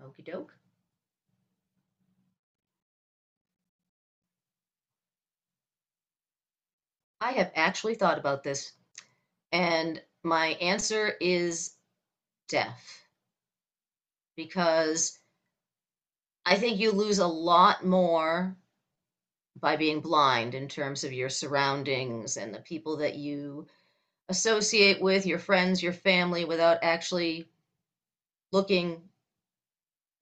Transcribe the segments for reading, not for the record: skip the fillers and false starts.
Okey doke. I have actually thought about this, and my answer is deaf, because I think you lose a lot more by being blind in terms of your surroundings and the people that you associate with, your friends, your family, without actually looking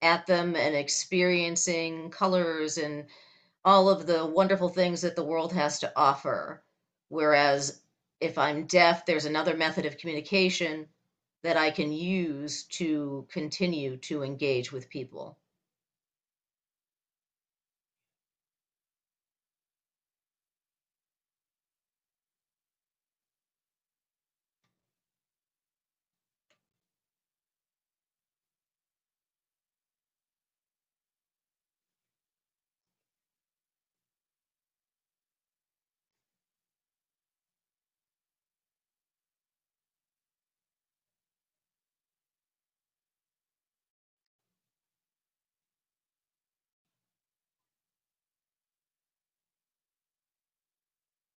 at them and experiencing colors and all of the wonderful things that the world has to offer. Whereas if I'm deaf, there's another method of communication that I can use to continue to engage with people.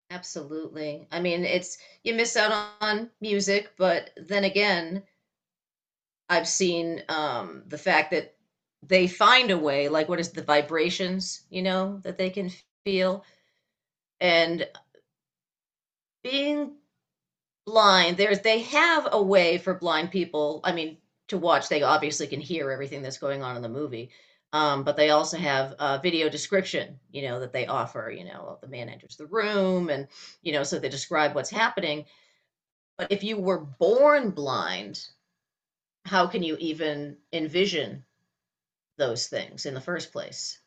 Absolutely. I mean, it's you miss out on music, but then again, I've seen the fact that they find a way, like what is the vibrations, you know, that they can feel, and being blind there's they have a way for blind people, I mean, to watch. They obviously can hear everything that's going on in the movie, but they also have video description, you know, that they offer. You know, the man enters the room, and you know, so they describe what's happening. But if you were born blind, how can you even envision those things in the first place?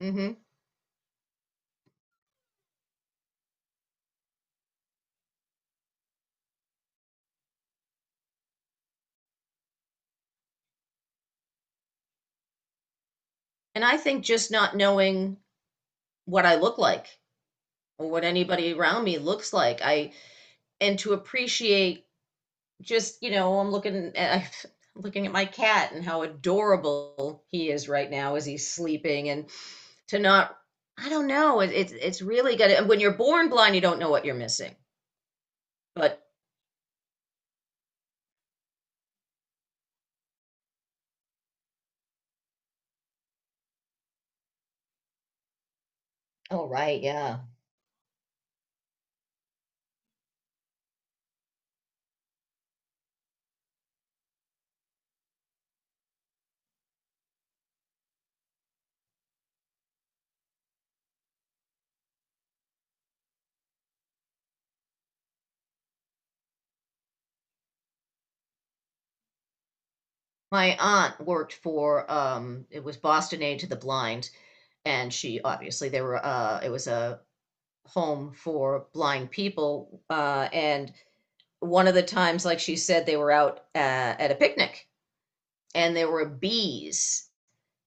hmm and I think just not knowing what I look like or what anybody around me looks like, I and to appreciate, just, you know, I'm looking at my cat and how adorable he is right now as he's sleeping, and to not, I don't know, it's really good. And when you're born blind, you don't know what you're missing. But oh, right, yeah. My aunt worked for it was Boston Aid to the Blind, and she obviously there were it was a home for blind people, and one of the times, like, she said they were out, at a picnic, and there were bees,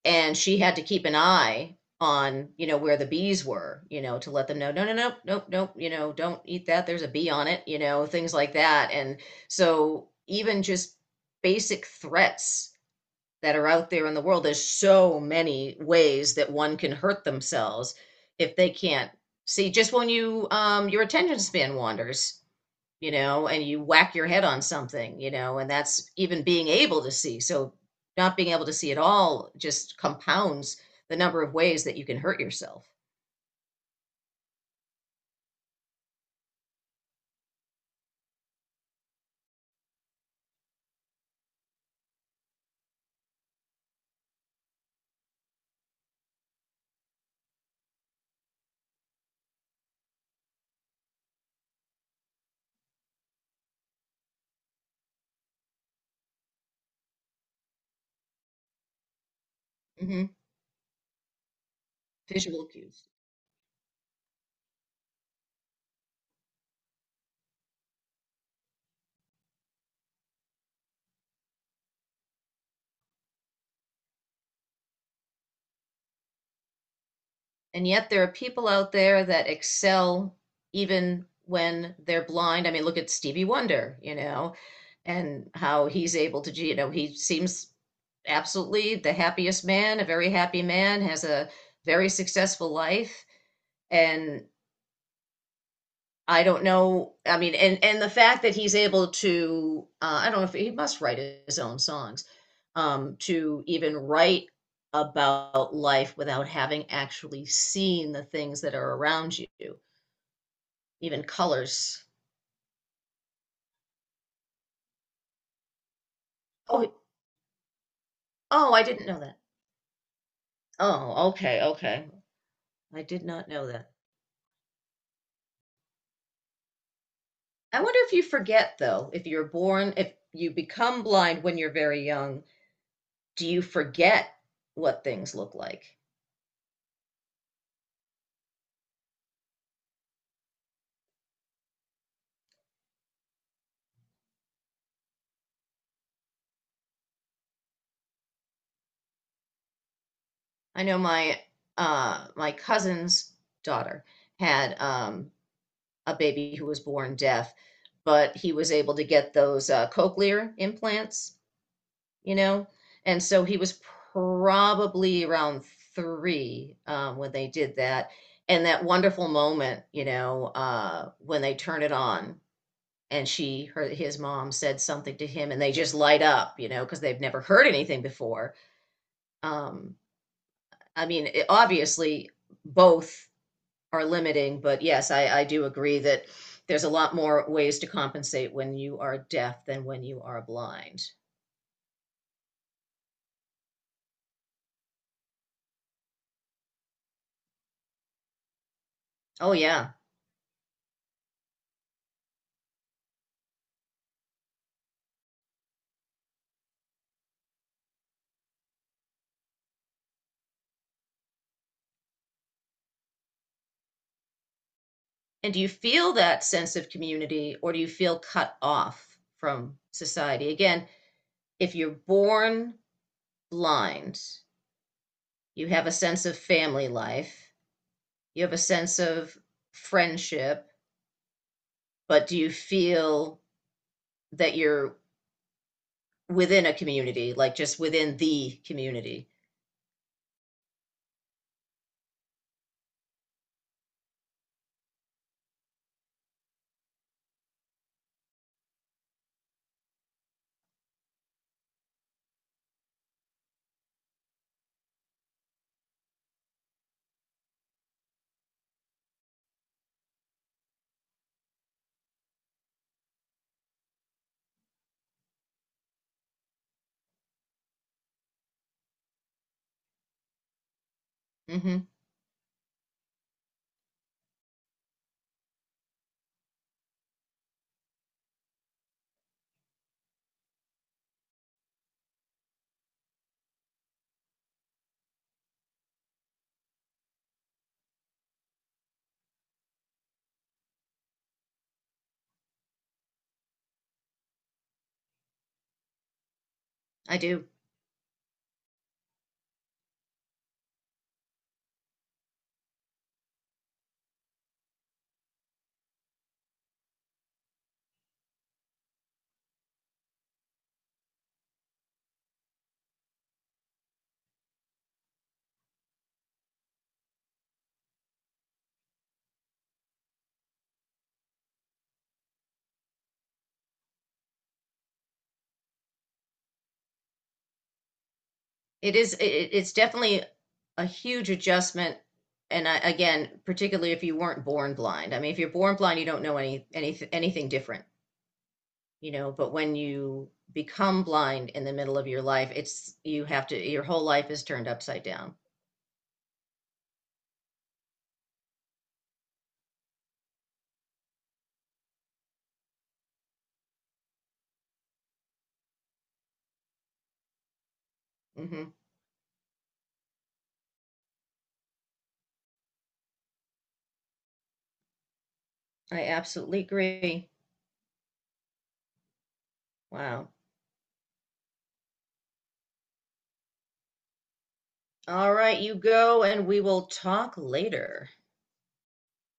and she had to keep an eye on, you know, where the bees were, you know, to let them know, no no no no no, you know, don't eat that, there's a bee on it, you know, things like that. And so even just basic threats that are out there in the world, there's so many ways that one can hurt themselves if they can't see. Just when you your attention span wanders, you know, and you whack your head on something, you know, and that's even being able to see. So not being able to see at all just compounds the number of ways that you can hurt yourself. hmm Visual cues. And yet there are people out there that excel even when they're blind. I mean, look at Stevie Wonder, you know, and how he's able to, you know, he seems absolutely the happiest man, a very happy man, has a very successful life. And I don't know. I mean, and the fact that he's able to, I don't know if he must write his own songs, to even write about life without having actually seen the things that are around you, even colors. Oh, oh, I didn't know that. Oh, okay, okay. I did not know that. I wonder if you forget though, if you're born, if you become blind when you're very young, do you forget what things look like? I know my my cousin's daughter had a baby who was born deaf, but he was able to get those cochlear implants, you know, and so he was probably around three when they did that, and that wonderful moment, you know, when they turn it on. And she, her, his mom said something to him, and they just light up, you know, because they've never heard anything before. Um, I mean, it, obviously, both are limiting, but yes, I do agree that there's a lot more ways to compensate when you are deaf than when you are blind. Oh, yeah. And do you feel that sense of community, or do you feel cut off from society? Again, if you're born blind, you have a sense of family life, you have a sense of friendship, but do you feel that you're within a community, like just within the community? hmm I do. It is, it's definitely a huge adjustment. And I, again, particularly if you weren't born blind. I mean, if you're born blind, you don't know anything different, you know, but when you become blind in the middle of your life, it's, you have to, your whole life is turned upside down. hmm I absolutely agree. Wow. All right, you go and we will talk later.